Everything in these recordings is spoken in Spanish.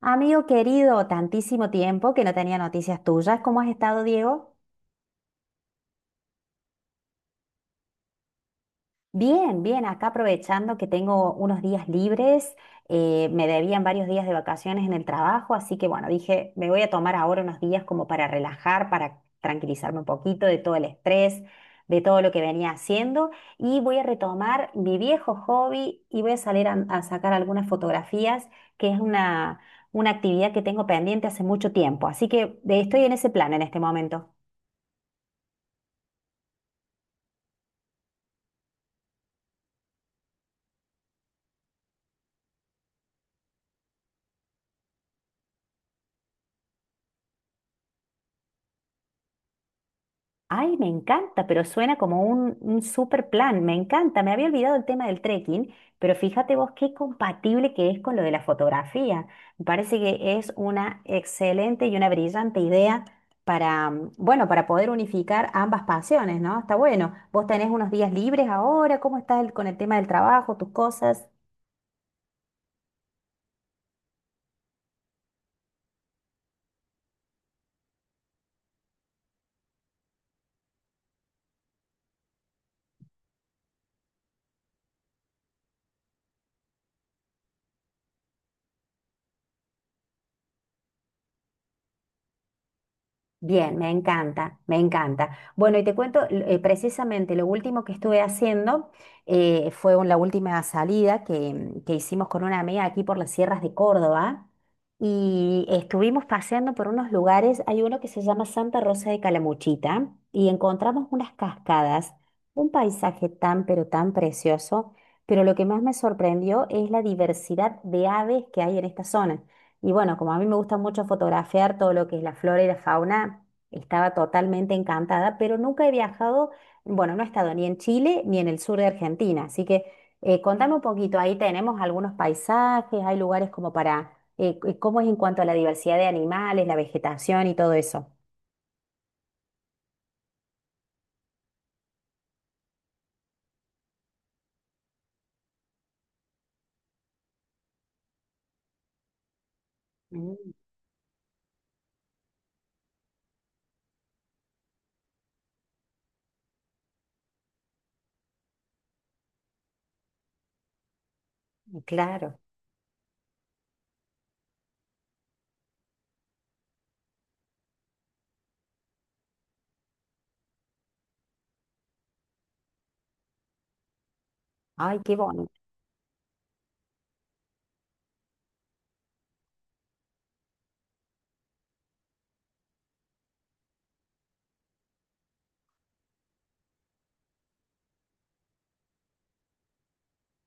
Amigo querido, tantísimo tiempo que no tenía noticias tuyas. ¿Cómo has estado, Diego? Bien, bien, acá aprovechando que tengo unos días libres, me debían varios días de vacaciones en el trabajo, así que bueno, dije, me voy a tomar ahora unos días como para relajar, para tranquilizarme un poquito de todo el estrés, de todo lo que venía haciendo y voy a retomar mi viejo hobby y voy a salir a sacar algunas fotografías, que es una actividad que tengo pendiente hace mucho tiempo. Así que estoy en ese plan en este momento. Ay, me encanta, pero suena como un super plan, me encanta. Me había olvidado el tema del trekking, pero fíjate vos qué compatible que es con lo de la fotografía. Me parece que es una excelente y una brillante idea para, bueno, para poder unificar ambas pasiones, ¿no? Está bueno. ¿Vos tenés unos días libres ahora? ¿Cómo estás con el tema del trabajo, tus cosas? Bien, me encanta, me encanta. Bueno, y te cuento precisamente lo último que estuve haciendo, fue la última salida que, que hicimos con una amiga aquí por las sierras de Córdoba y estuvimos paseando por unos lugares. Hay uno que se llama Santa Rosa de Calamuchita y encontramos unas cascadas, un paisaje tan pero tan precioso, pero lo que más me sorprendió es la diversidad de aves que hay en esta zona. Y bueno, como a mí me gusta mucho fotografiar todo lo que es la flora y la fauna, estaba totalmente encantada, pero nunca he viajado, bueno, no he estado ni en Chile ni en el sur de Argentina, así que contame un poquito, ahí tenemos algunos paisajes, hay lugares como para, ¿cómo es en cuanto a la diversidad de animales, la vegetación y todo eso? Mm, claro, ay, qué bonito,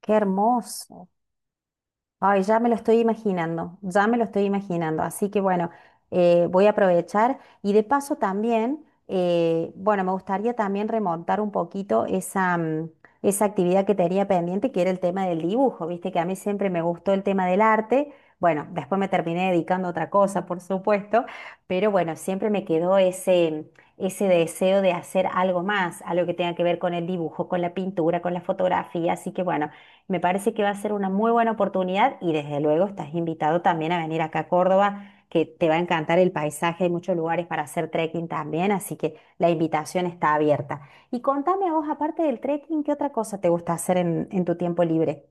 qué hermoso. Ay, ya me lo estoy imaginando, ya me lo estoy imaginando. Así que bueno, voy a aprovechar y de paso también, bueno, me gustaría también remontar un poquito esa, esa actividad que tenía pendiente, que era el tema del dibujo, viste que a mí siempre me gustó el tema del arte. Bueno, después me terminé dedicando a otra cosa, por supuesto, pero bueno, siempre me quedó ese, ese deseo de hacer algo más, algo que tenga que ver con el dibujo, con la pintura, con la fotografía. Así que bueno. Me parece que va a ser una muy buena oportunidad y desde luego estás invitado también a venir acá a Córdoba, que te va a encantar el paisaje, hay muchos lugares para hacer trekking también, así que la invitación está abierta. Y contame a vos, aparte del trekking, ¿qué otra cosa te gusta hacer en tu tiempo libre?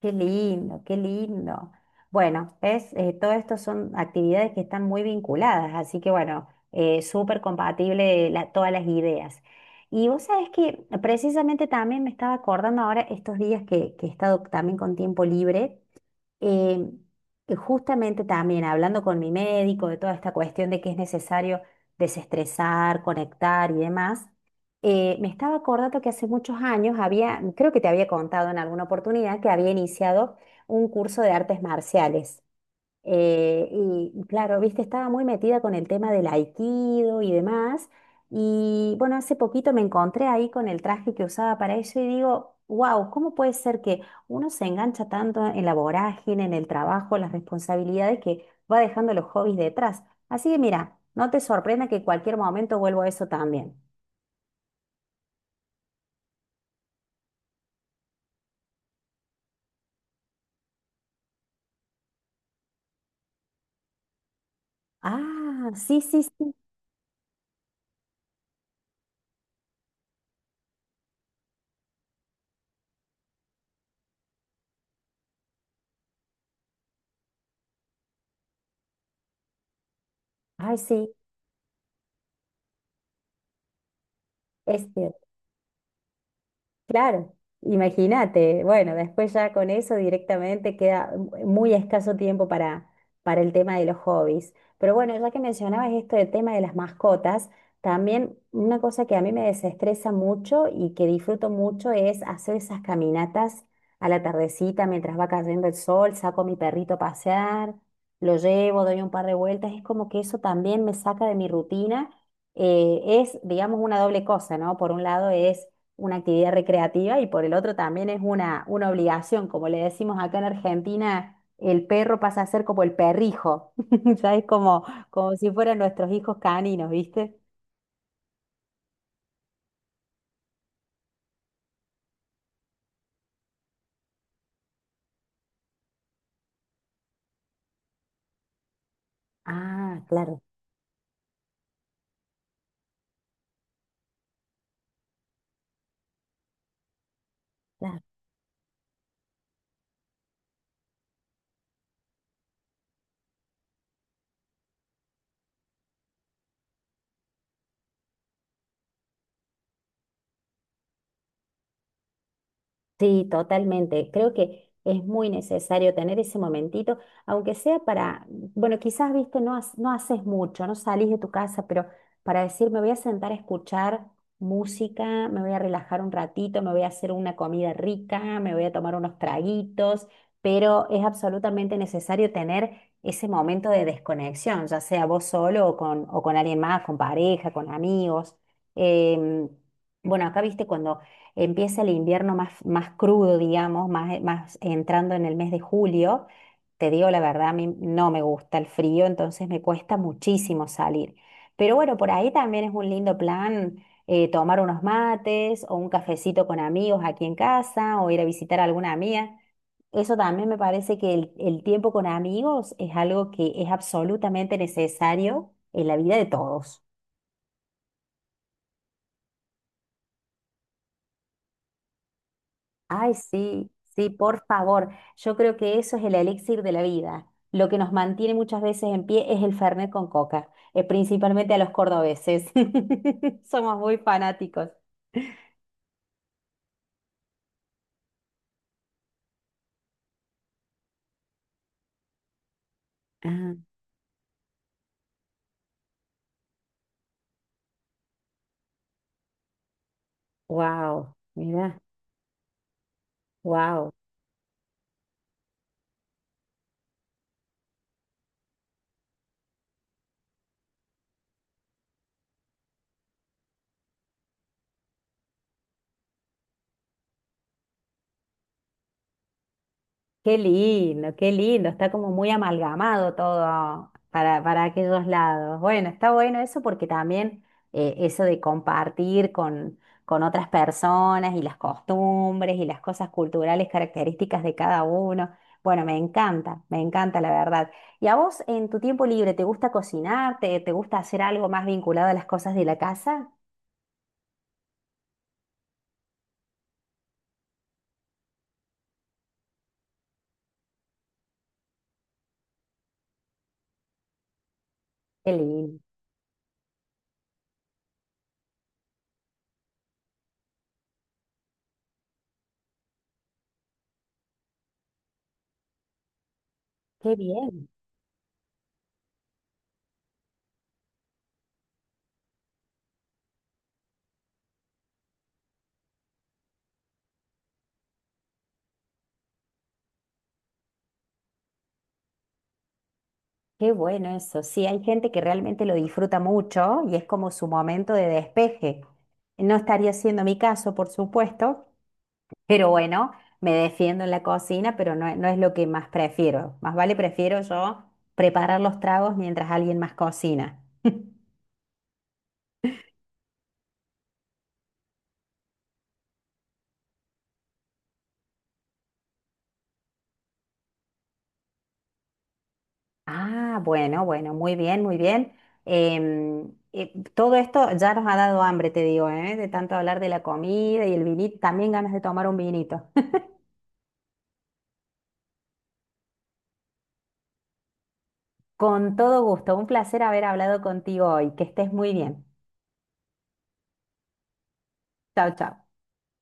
Qué lindo, qué lindo. Bueno, ves. Todo esto son actividades que están muy vinculadas, así que bueno, súper compatible todas las ideas. Y vos sabés que precisamente también me estaba acordando ahora estos días que he estado también con tiempo libre. Eh, justamente también hablando con mi médico de toda esta cuestión de que es necesario desestresar, conectar y demás, me estaba acordando que hace muchos años había, creo que te había contado en alguna oportunidad, que había iniciado un curso de artes marciales. Eh, y claro, viste, estaba muy metida con el tema del aikido y demás. Y bueno, hace poquito me encontré ahí con el traje que usaba para eso y digo, wow, ¿cómo puede ser que uno se engancha tanto en la vorágine, en el trabajo, en las responsabilidades que va dejando los hobbies detrás? Así que mira, no te sorprenda que en cualquier momento vuelvo a eso también. Ah, sí, sí, sí. Ay, sí, este. Claro, imagínate, bueno, después ya con eso directamente queda muy escaso tiempo para el tema de los hobbies. Pero bueno, ya que mencionabas esto del tema de las mascotas, también una cosa que a mí me desestresa mucho y que disfruto mucho es hacer esas caminatas a la tardecita mientras va cayendo el sol, saco a mi perrito a pasear, lo llevo, doy un par de vueltas, es como que eso también me saca de mi rutina. Es, digamos, una doble cosa, ¿no? Por un lado es una actividad recreativa y por el otro también es una obligación. Como le decimos acá en Argentina, el perro pasa a ser como el perrijo, sabes como, como si fueran nuestros hijos caninos, ¿viste? Ah, claro, claro. Sí, totalmente. Creo que es muy necesario tener ese momentito, aunque sea para, bueno, quizás, viste, no, no haces mucho, no salís de tu casa, pero para decir, me voy a sentar a escuchar música, me voy a relajar un ratito, me voy a hacer una comida rica, me voy a tomar unos traguitos, pero es absolutamente necesario tener ese momento de desconexión, ya sea vos solo o con alguien más, con pareja, con amigos. Em, bueno, acá, viste, cuando empieza el invierno más crudo, digamos, más entrando en el mes de julio, te digo la verdad, a mí no me gusta el frío, entonces me cuesta muchísimo salir. Pero bueno, por ahí también es un lindo plan, tomar unos mates o un cafecito con amigos aquí en casa o ir a visitar a alguna amiga. Eso también me parece que el tiempo con amigos es algo que es absolutamente necesario en la vida de todos. Ay, sí, sí, por favor. Yo creo que eso es el elixir de la vida. Lo que nos mantiene muchas veces en pie es el fernet con coca, principalmente a los cordobeses. Somos muy fanáticos. Ah, wow, mira, wow. Qué lindo, está como muy amalgamado todo para aquellos lados. Bueno, está bueno eso porque también eso de compartir con otras personas y las costumbres y las cosas culturales características de cada uno. Bueno, me encanta la verdad. ¿Y a vos en tu tiempo libre te gusta cocinar? ¿Te gusta hacer algo más vinculado a las cosas de la casa? Qué lindo, qué bien. Qué bueno eso. Sí, hay gente que realmente lo disfruta mucho y es como su momento de despeje. No estaría siendo mi caso, por supuesto, pero bueno, me defiendo en la cocina, pero no, no es lo que más prefiero. Más vale prefiero yo preparar los tragos mientras alguien más cocina. Ah, bueno, bueno, muy bien, muy bien. Todo esto ya nos ha dado hambre, te digo, ¿eh? De tanto hablar de la comida y el vinito, también ganas de tomar un vinito. Con todo gusto, un placer haber hablado contigo hoy. Que estés muy bien. Chao, chao.